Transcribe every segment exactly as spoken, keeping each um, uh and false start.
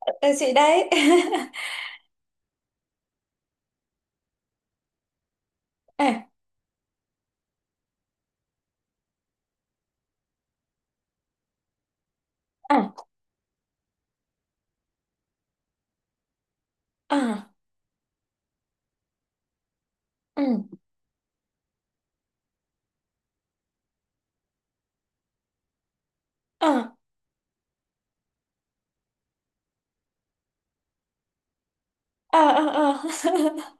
Ờ, chị đấy. Ờ, ờ, ờ, ừ, ờ, ờ, ờ, ờ.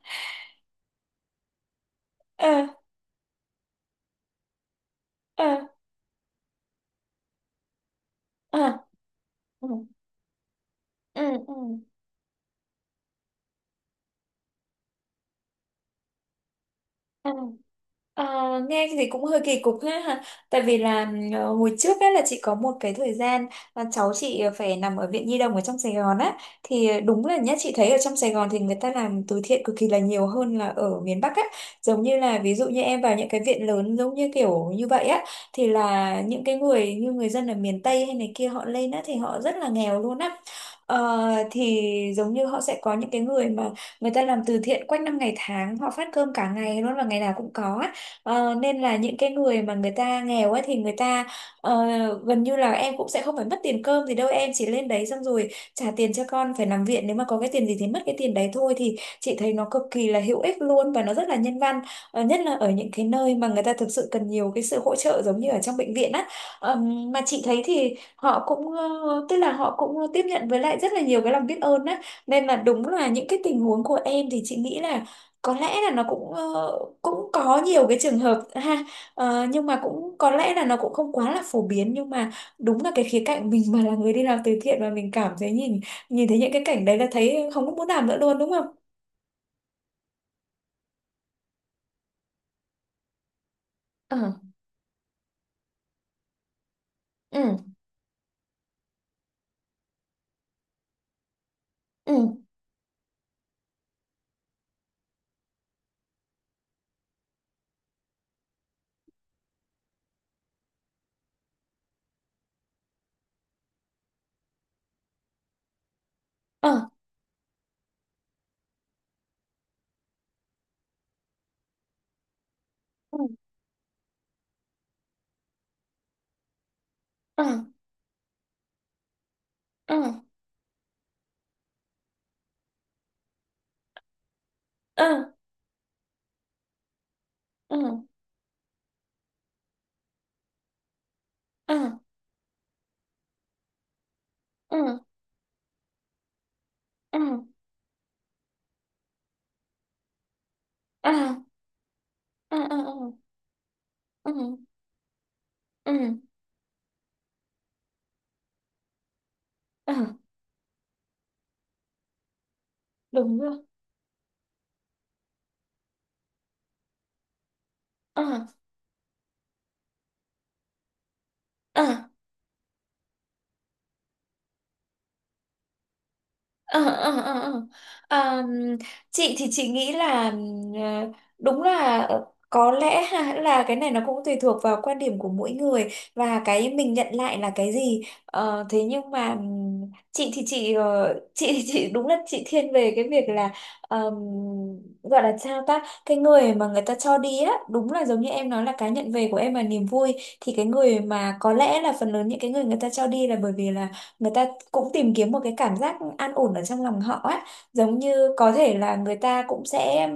Ờ, ờ, ờ, ừ, ừ, ừ. Ờ, nghe thì cũng hơi kỳ cục ha ha. Tại vì là ờ, hồi trước ấy là chị có một cái thời gian là cháu chị phải nằm ở viện nhi đồng ở trong Sài Gòn á, thì ờ, đúng là nhá, chị thấy ở trong Sài Gòn thì người ta làm từ thiện cực kỳ là nhiều hơn là ở miền Bắc á. Giống như là ví dụ như em vào những cái viện lớn giống như kiểu như vậy á, thì là những cái người như người dân ở miền Tây hay này kia họ lên á thì họ rất là nghèo luôn á. Ờ, thì giống như họ sẽ có những cái người mà người ta làm từ thiện quanh năm ngày tháng, họ phát cơm cả ngày luôn và ngày nào cũng có á. Ờ, nên là những cái người mà người ta nghèo ấy thì người ta ờ, gần như là em cũng sẽ không phải mất tiền cơm gì đâu, em chỉ lên đấy xong rồi trả tiền cho con phải nằm viện, nếu mà có cái tiền gì thì mất cái tiền đấy thôi. Thì chị thấy nó cực kỳ là hữu ích luôn và nó rất là nhân văn. Ờ, nhất là ở những cái nơi mà người ta thực sự cần nhiều cái sự hỗ trợ giống như ở trong bệnh viện á. Ờm, mà chị thấy thì họ cũng ờ, tức là họ cũng tiếp nhận với lại rất là nhiều cái lòng biết ơn á, nên là đúng là những cái tình huống của em thì chị nghĩ là có lẽ là nó cũng ờ, cũng có nhiều cái trường hợp ha. Ờ, nhưng mà cũng có lẽ là nó cũng không quá là phổ biến, nhưng mà đúng là cái khía cạnh mình mà là người đi làm từ thiện mà mình cảm thấy nhìn nhìn thấy những cái cảnh đấy là thấy không có muốn làm nữa luôn đúng không? Ờ, ừ, ừ, ờ, ừ, ờ, ờ, ờ, ờ, ờ, ờ, ờ, ờ, ờ, ờ, ờ, ờ, ờ, ờ, ờ, đúng rồi, ờ, ờ. Ờ, ờ, ờ, ờ. Ờm, chị thì chị nghĩ là ờ, đúng là ờ, có lẽ ha, là cái này nó cũng tùy thuộc vào quan điểm của mỗi người và cái mình nhận lại là cái gì. Ờ, Thế nhưng mà ừm, chị thì chị ờ, chị thì chị đúng là chị thiên về cái việc là, ờm, gọi là sao ta, cái người mà người ta cho đi á, đúng là giống như em nói là cái nhận về của em là niềm vui, thì cái người mà có lẽ là phần lớn những cái người người ta cho đi là bởi vì là người ta cũng tìm kiếm một cái cảm giác an ổn ở trong lòng họ á. Giống như có thể là người ta cũng sẽ,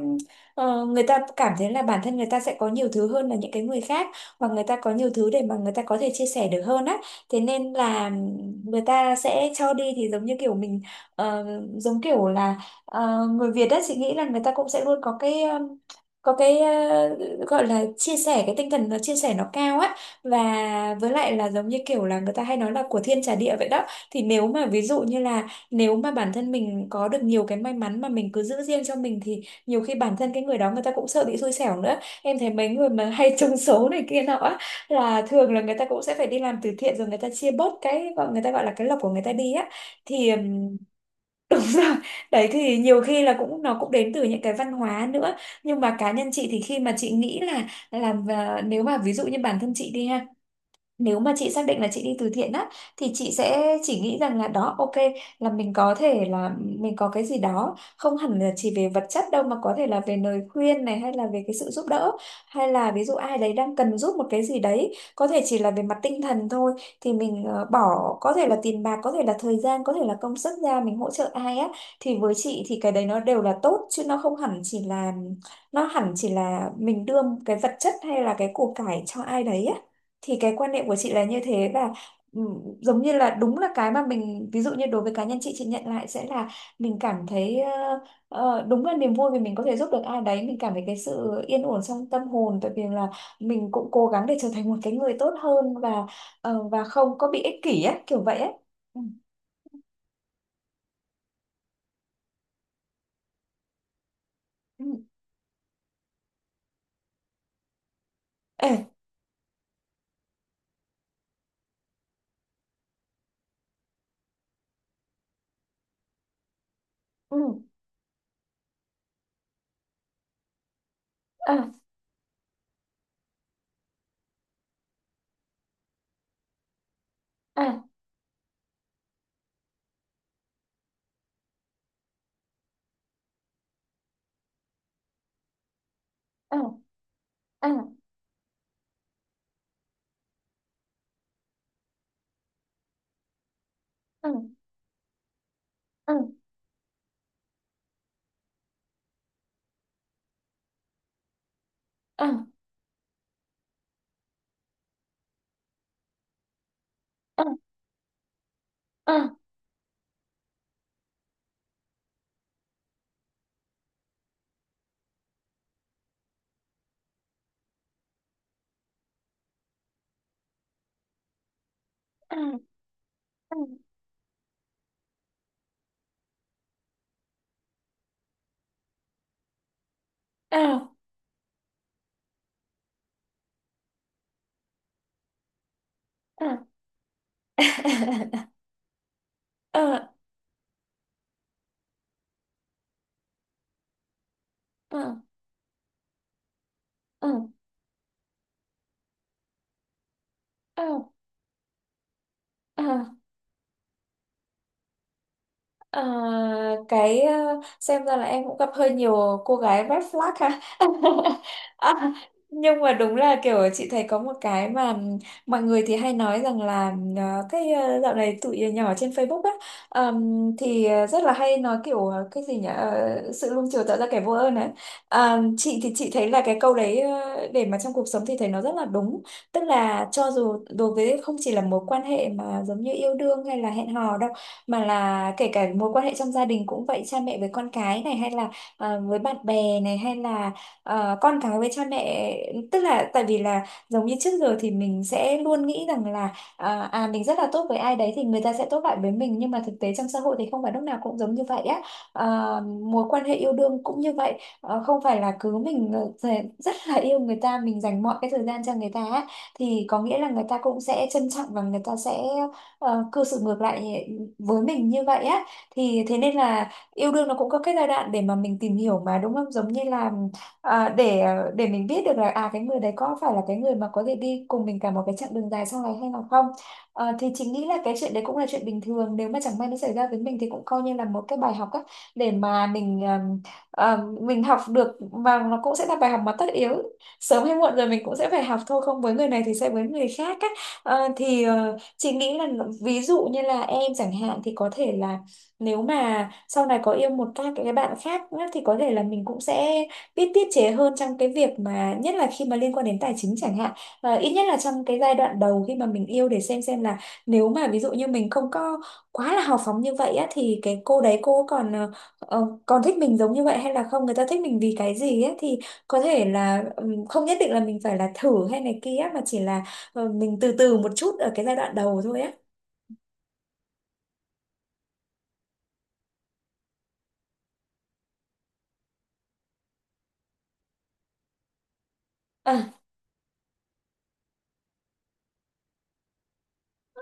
ờ, người ta cảm thấy là bản thân người ta sẽ có nhiều thứ hơn là những cái người khác, hoặc người ta có nhiều thứ để mà người ta có thể chia sẻ được hơn á. Thế nên là người ta sẽ cho đi, thì giống như kiểu mình, ờ, giống kiểu là ờ, người Việt á, chị nghĩ là người ta cũng sẽ luôn có cái, ừm, có cái ờ, gọi là chia sẻ, cái tinh thần nó chia sẻ nó cao á. Và với lại là giống như kiểu là người ta hay nói là của thiên trả địa vậy đó. Thì nếu mà ví dụ như là nếu mà bản thân mình có được nhiều cái may mắn mà mình cứ giữ riêng cho mình thì nhiều khi bản thân cái người đó, người ta cũng sợ bị xui xẻo nữa. Em thấy mấy người mà hay trúng số này kia nọ á, là thường là người ta cũng sẽ phải đi làm từ thiện rồi, người ta chia bớt cái, gọi người ta gọi là cái lộc của người ta đi á. Thì ừm, đúng rồi. Đấy, thì nhiều khi là cũng, nó cũng đến từ những cái văn hóa nữa. Nhưng mà cá nhân chị thì khi mà chị nghĩ là làm, và nếu mà ví dụ như bản thân chị đi ha, nếu mà chị xác định là chị đi từ thiện á, thì chị sẽ chỉ nghĩ rằng là đó, ok, là mình có thể là mình có cái gì đó không hẳn là chỉ về vật chất đâu, mà có thể là về lời khuyên này, hay là về cái sự giúp đỡ, hay là ví dụ ai đấy đang cần giúp một cái gì đấy, có thể chỉ là về mặt tinh thần thôi, thì mình ờ, bỏ có thể là tiền bạc, có thể là thời gian, có thể là công sức ra mình hỗ trợ ai á, thì với chị thì cái đấy nó đều là tốt, chứ nó không hẳn chỉ là, nó hẳn chỉ là mình đưa cái vật chất hay là cái của cải cho ai đấy á. Thì cái quan niệm của chị là như thế. Và ừ, giống như là đúng là cái mà mình, ví dụ như đối với cá nhân chị chị nhận lại sẽ là mình cảm thấy ờ, ờ, đúng là niềm vui vì mình có thể giúp được ai đấy, mình cảm thấy cái sự yên ổn trong tâm hồn, tại vì là mình cũng cố gắng để trở thành một cái người tốt hơn và ờ, và không có bị ích kỷ á, kiểu vậy á. Ừ. Ừ. Ê, ừ. À, à, à, à, à, à, à, à, à, à, à, à, à, à, à, à, à. Ờ, cái ờ, xem ra là em cũng gặp hơi nhiều cô gái red flag ha. À, nhưng mà đúng là kiểu chị thấy có một cái mà mọi người thì hay nói rằng là, ờ, cái ờ, dạo này tụi nhỏ trên Facebook á, ờm, thì ờ, rất là hay nói kiểu ờ, cái gì nhỉ, ờ, sự nuông chiều tạo ra kẻ vô ơn ấy. Ờ, chị thì chị thấy là cái câu đấy ờ, để mà trong cuộc sống thì thấy nó rất là đúng, tức là cho dù đối với không chỉ là mối quan hệ mà giống như yêu đương hay là hẹn hò đâu, mà là kể cả mối quan hệ trong gia đình cũng vậy, cha mẹ với con cái này, hay là ờ, với bạn bè này, hay là ờ, con cái với cha mẹ. Tức là tại vì là giống như trước giờ thì mình sẽ luôn nghĩ rằng là ờ, à mình rất là tốt với ai đấy thì người ta sẽ tốt lại với mình, nhưng mà thực tế trong xã hội thì không phải lúc nào cũng giống như vậy á. Ờ, mối quan hệ yêu đương cũng như vậy. Ờ, không phải là cứ mình, ờ, thể- rất là yêu người ta, mình dành mọi cái thời gian cho người ta á, thì có nghĩa là người ta cũng sẽ trân trọng và người ta sẽ ờ, cư xử ngược lại với mình như vậy á. Thì thế nên là yêu đương nó cũng có cái giai đoạn để mà mình tìm hiểu mà, đúng không, giống như là à, để để mình biết được là à cái người đấy có phải là cái người mà có thể đi cùng mình cả một cái chặng đường dài sau này hay là không. Ờ, thì chính nghĩ là cái chuyện đấy cũng là chuyện bình thường, nếu mà chẳng may nó xảy ra với mình thì cũng coi như là một cái bài học á, để mà mình ờm, ờm, mình học được, và nó cũng sẽ là bài học mà tất yếu sớm hay muộn rồi mình cũng sẽ phải học thôi, không với người này thì sẽ với người khác á. Ờ, thì ờ, chị nghĩ là ví dụ như là em chẳng hạn, thì có thể là nếu mà sau này có yêu một các cái bạn khác nữa thì có thể là mình cũng sẽ biết tiết chế hơn trong cái việc mà nhất là khi mà liên quan đến tài chính chẳng hạn, và ít nhất là trong cái giai đoạn đầu khi mà mình yêu, để xem xem là nếu mà ví dụ như mình không có quá là hào phóng như vậy á thì cái cô đấy cô còn ờ, ờ, còn thích mình giống như vậy hay là không, người ta thích mình vì cái gì á, thì có thể là, ừm, không nhất định là mình phải là thử hay này kia, mà chỉ là ờ, mình từ từ một chút ở cái giai đoạn đầu thôi Á. À,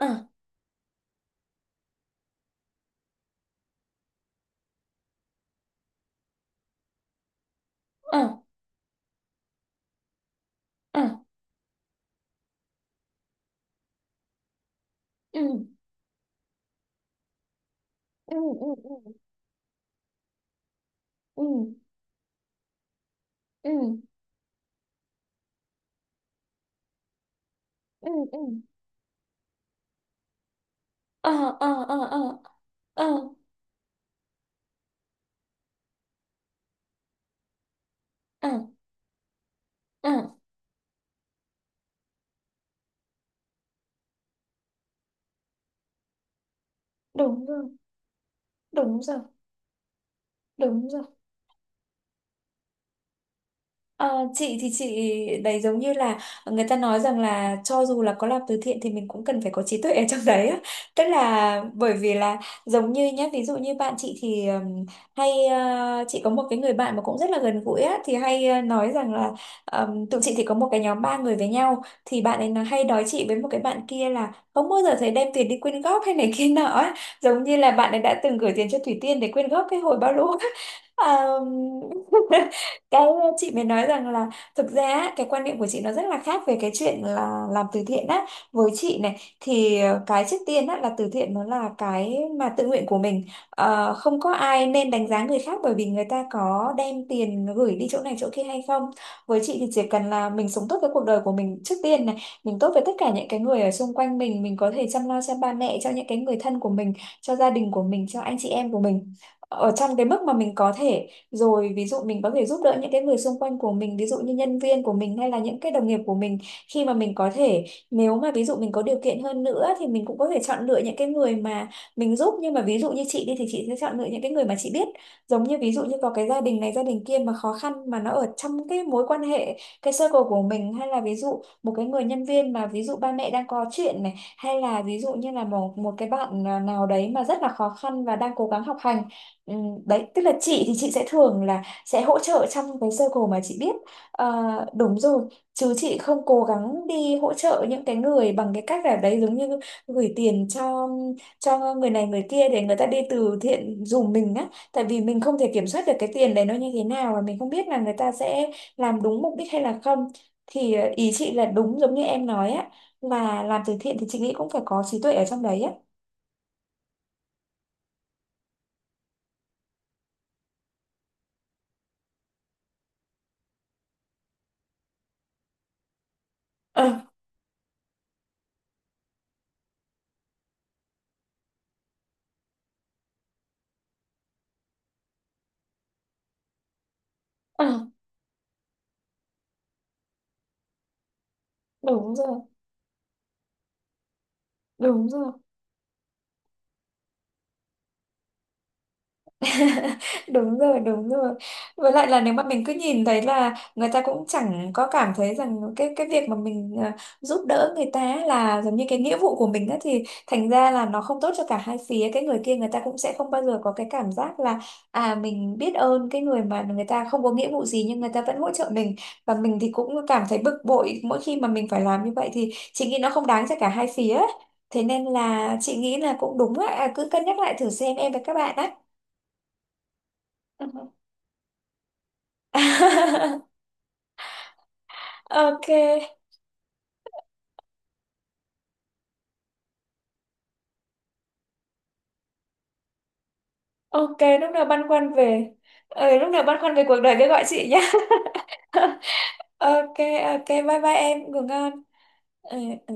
à, à, à. Ừ, ừ, ừ, ừ, ừ, ừ, ừ, ừ. À, à, à, à, à, à, à. Đúng rồi, đúng rồi, đúng rồi. Ờ, chị thì chị đấy, giống như là người ta nói rằng là cho dù là có làm từ thiện thì mình cũng cần phải có trí tuệ ở trong đấy á. Tức là bởi vì là giống như nhá, ví dụ như bạn chị thì ừm, hay ờ, chị có một cái người bạn mà cũng rất là gần gũi á, thì hay ờ, nói rằng là ừm, tụi chị thì có một cái nhóm ba người với nhau, thì bạn ấy nó hay nói chị với một cái bạn kia là không bao giờ thấy đem tiền đi quyên góp hay này kia nọ á. Giống như là bạn ấy đã từng gửi tiền cho Thủy Tiên để quyên góp cái hồi bao lũ á. Ờ, cái chị mới nói rằng là thực ra á, cái quan niệm của chị nó rất là khác về cái chuyện là làm từ thiện á. Với chị này thì ờ, cái trước tiên á là từ thiện nó là cái mà tự nguyện của mình. Ờ, không có ai nên đánh giá người khác bởi vì người ta có đem tiền gửi đi chỗ này chỗ kia hay không. Với chị thì chỉ cần là mình sống tốt với cuộc đời của mình trước tiên này, mình tốt với tất cả những cái người ở xung quanh mình mình có thể chăm lo cho ba mẹ, cho những cái người thân của mình, cho gia đình của mình, cho anh chị em của mình, ở trong cái mức mà mình có thể. Rồi ví dụ mình có thể giúp đỡ những cái người xung quanh của mình, ví dụ như nhân viên của mình hay là những cái đồng nghiệp của mình, khi mà mình có thể. Nếu mà ví dụ mình có điều kiện hơn nữa thì mình cũng có thể chọn lựa những cái người mà mình giúp, nhưng mà ví dụ như chị đi thì chị sẽ chọn lựa những cái người mà chị biết. Giống như ví dụ như có cái gia đình này gia đình kia mà khó khăn mà nó ở trong cái mối quan hệ, cái circle của mình, hay là ví dụ một cái người nhân viên mà ví dụ ba mẹ đang có chuyện này, hay là ví dụ như là một một cái bạn à, nào đấy mà rất là khó khăn và đang cố gắng học hành. Ừ, đấy tức là chị thì chị sẽ thường là sẽ hỗ trợ trong cái circle mà chị biết. Ờ, đúng rồi. Chứ chị không cố gắng đi hỗ trợ những cái người bằng cái cách là đấy, giống như gửi tiền cho cho người này người kia để người ta đi từ thiện giùm mình á, tại vì mình không thể kiểm soát được cái tiền đấy nó như thế nào và mình không biết là người ta sẽ làm đúng mục đích hay là không. Thì ờ, ý chị là đúng giống như em nói á, là làm từ thiện thì chị nghĩ cũng phải có trí tuệ ở trong đấy á. Ờ, ờ, đúng rồi, đúng rồi. Đúng rồi, đúng rồi. Với lại là nếu mà mình cứ nhìn thấy là người ta cũng chẳng có cảm thấy rằng cái cái việc mà mình à, giúp đỡ người ta là giống như cái nghĩa vụ của mình á, thì thành ra là nó không tốt cho cả hai phía. Cái người kia người ta cũng sẽ không bao giờ có cái cảm giác là à mình biết ơn cái người mà người ta không có nghĩa vụ gì nhưng người ta vẫn hỗ trợ mình. Và mình thì cũng cảm thấy bực bội mỗi khi mà mình phải làm như vậy, thì chị nghĩ nó không đáng cho cả hai phía. Thế nên là chị nghĩ là cũng đúng á, à, cứ cân nhắc lại thử xem em với các bạn á. Ok, ok, lúc nào băn khoăn về ừ, lúc nào băn khoăn về cuộc đời cứ gọi chị nhé. Ok, ok, bye bye em ngủ ngon. Ừ. Ừ.